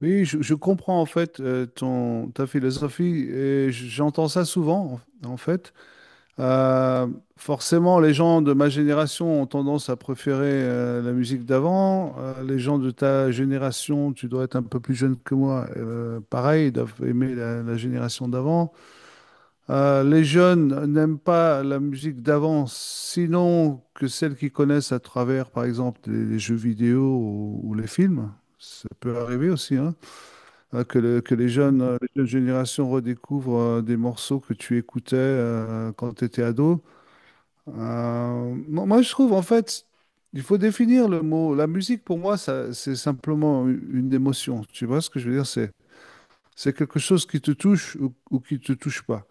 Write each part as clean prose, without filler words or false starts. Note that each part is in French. Oui, je comprends en fait, ta philosophie et j'entends ça souvent en fait. Euh, Forcément, les gens de ma génération ont tendance à préférer la musique d'avant. Les gens de ta génération, tu dois être un peu plus jeune que moi, pareil, ils doivent aimer la génération d'avant. Les jeunes n'aiment pas la musique d'avant, sinon que celle qu'ils connaissent à travers, par exemple, les jeux vidéo ou les films. Ça peut arriver aussi, hein hein, que, que les jeunes générations redécouvrent des morceaux que tu écoutais quand tu étais ado. Moi, je trouve, en fait, il faut définir le mot. La musique, pour moi, ça, c'est simplement une émotion. Tu vois ce que je veux dire? C'est quelque chose qui te touche ou qui ne te touche pas.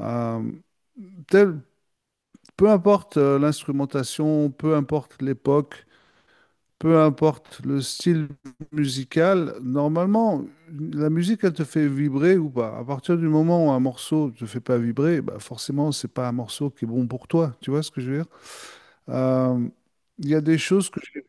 Euh, tel- Peu importe l'instrumentation, peu importe l'époque. Peu importe le style musical, normalement, la musique, elle te fait vibrer ou pas. À partir du moment où un morceau te fait pas vibrer, bah forcément, c'est pas un morceau qui est bon pour toi. Tu vois ce que je veux dire? Euh, Il y a des choses que... je-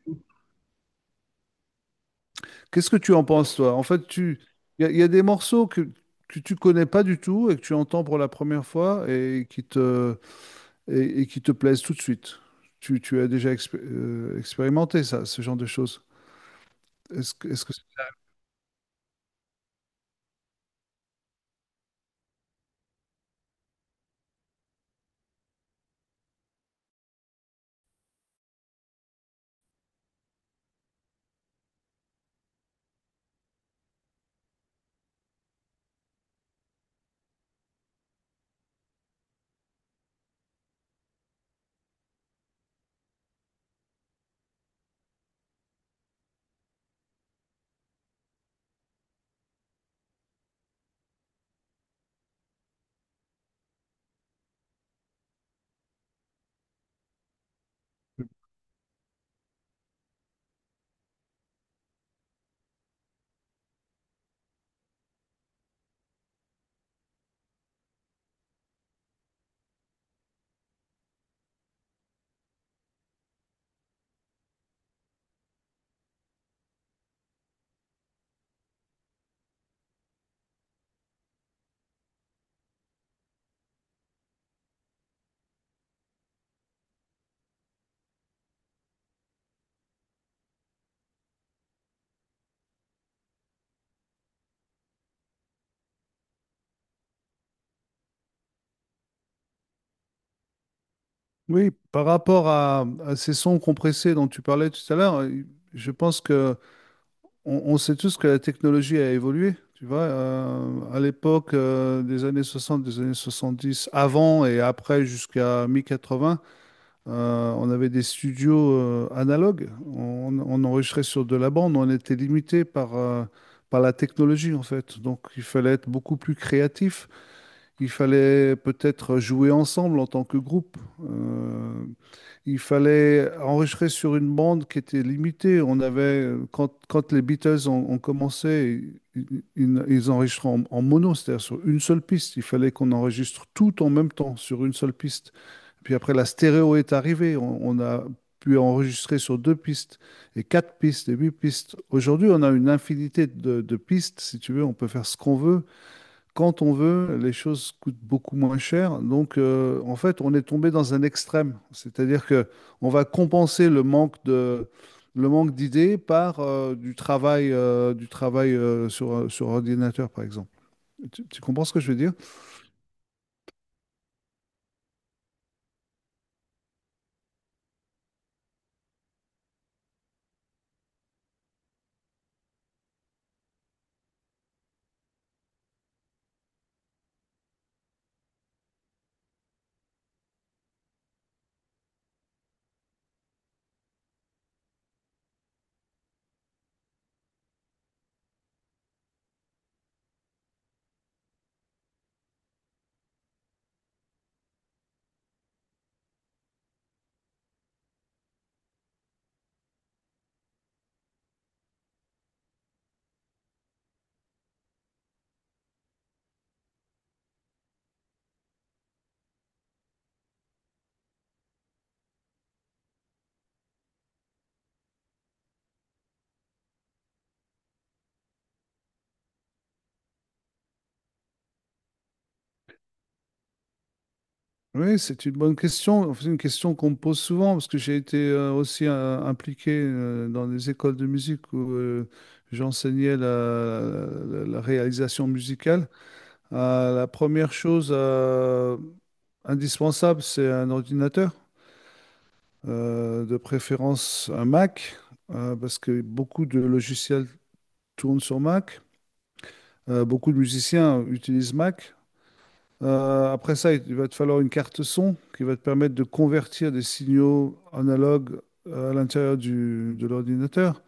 Qu'est-ce que tu en penses, toi? Il y a des morceaux que tu connais pas du tout et que tu entends pour la première fois et qui te plaisent tout de suite. Tu as déjà expérimenté ça, ce genre de choses. Est-ce que, est Oui, par rapport à ces sons compressés dont tu parlais tout à l'heure, je pense que on sait tous que la technologie a évolué. Tu vois, à l'époque des années 60, des années 70, avant et après jusqu'à mi-80, on avait des studios analogues. On enregistrait sur de la bande. On était limité par la technologie, en fait. Donc, il fallait être beaucoup plus créatif. Il fallait peut-être jouer ensemble en tant que groupe. Euh, il fallait enregistrer sur une bande qui était limitée. On avait, quand les Beatles ont commencé, ils enregistraient en mono, c'est-à-dire sur une seule piste. Il fallait qu'on enregistre tout en même temps sur une seule piste. Puis après, la stéréo est arrivée. On a pu enregistrer sur deux pistes et quatre pistes et huit pistes. Aujourd'hui, on a une infinité de pistes, si tu veux. On peut faire ce qu'on veut quand on veut, les choses coûtent beaucoup moins cher. Donc, en fait, on est tombé dans un extrême. C'est-à-dire que on va compenser le manque d'idées par du travail sur ordinateur, par exemple. Tu comprends ce que je veux dire? Oui, c'est une bonne question. C'est une question qu'on me pose souvent parce que j'ai été aussi impliqué dans des écoles de musique où j'enseignais la réalisation musicale. La première chose indispensable, c'est un ordinateur, de préférence un Mac, parce que beaucoup de logiciels tournent sur Mac. Beaucoup de musiciens utilisent Mac. Après ça, il va te falloir une carte son qui va te permettre de convertir des signaux analogues à l'intérieur de l'ordinateur.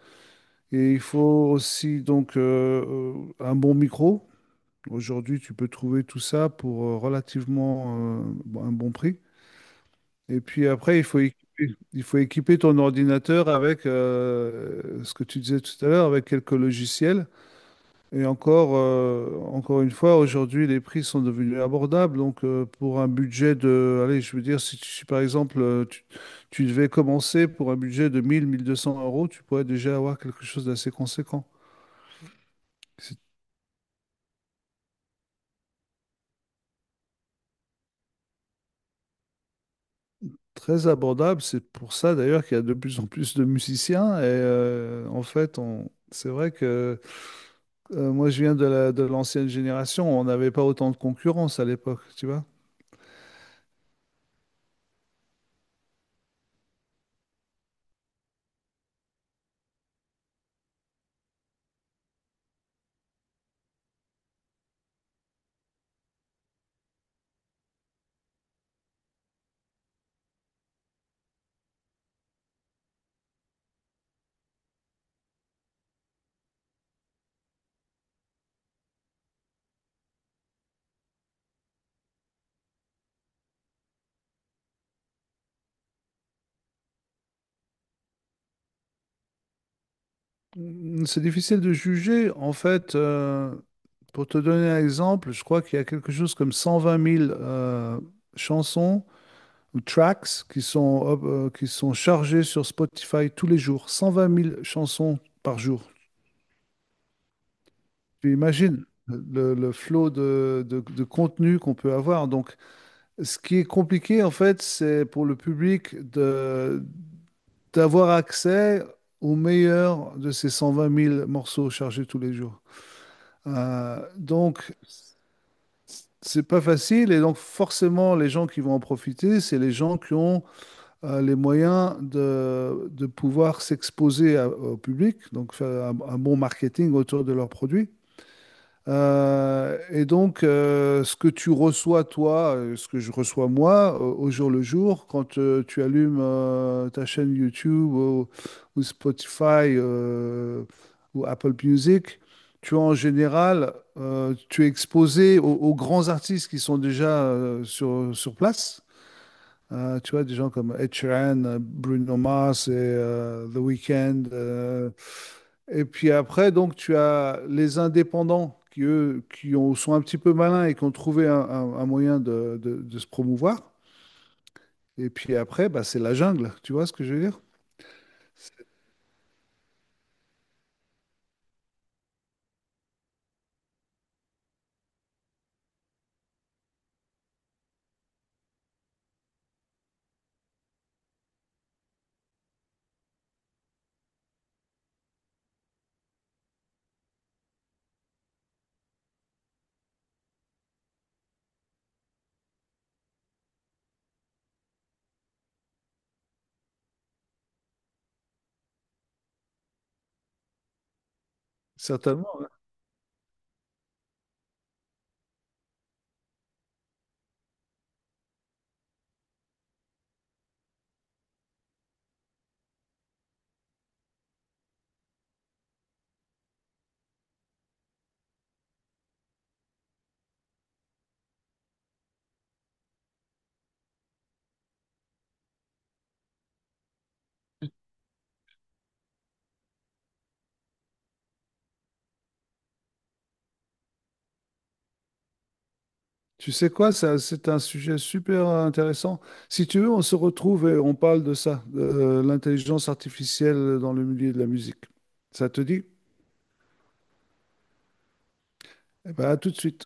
Et il faut aussi donc un bon micro. Aujourd'hui, tu peux trouver tout ça pour relativement un bon prix. Et puis après, il faut équiper ton ordinateur avec ce que tu disais tout à l'heure, avec quelques logiciels. Et encore, encore une fois, aujourd'hui, les prix sont devenus abordables. Donc, pour un budget de, allez, je veux dire, si par exemple, tu devais commencer pour un budget de 1 200 euros, tu pourrais déjà avoir quelque chose d'assez conséquent. C'est très abordable. C'est pour ça, d'ailleurs, qu'il y a de plus en plus de musiciens. Et en fait, c'est vrai que. Moi, je viens de l'ancienne génération. On n'avait pas autant de concurrence à l'époque, tu vois. C'est difficile de juger. En fait, pour te donner un exemple, je crois qu'il y a quelque chose comme 120 000 chansons ou tracks qui sont chargées sur Spotify tous les jours. 120 000 chansons par jour. Tu imagines le flot de contenu qu'on peut avoir. Donc, ce qui est compliqué, en fait, c'est pour le public d'avoir accès au meilleur de ces 120 000 morceaux chargés tous les jours. Donc, c'est pas facile et donc forcément les gens qui vont en profiter, c'est les gens qui ont les moyens de pouvoir s'exposer au public, donc faire un bon marketing autour de leurs produits. Et donc, ce que tu reçois, toi, ce que je reçois moi, au jour le jour, quand tu allumes ta chaîne YouTube ou Spotify ou Apple Music, tu as en général, tu es exposé aux grands artistes qui sont déjà sur place. Tu vois, des gens comme Ed Sheeran, Bruno Mars et The Weeknd. Et puis après, donc, tu as les indépendants qui, eux, sont un petit peu malins et qui ont trouvé un moyen de se promouvoir. Et puis après, bah, c'est la jungle, tu vois ce que je veux dire? Certainement. Tu sais quoi, ça, c'est un sujet super intéressant. Si tu veux, on se retrouve et on parle de ça, de l'intelligence artificielle dans le milieu de la musique. Ça te dit? Eh ben, à tout de suite.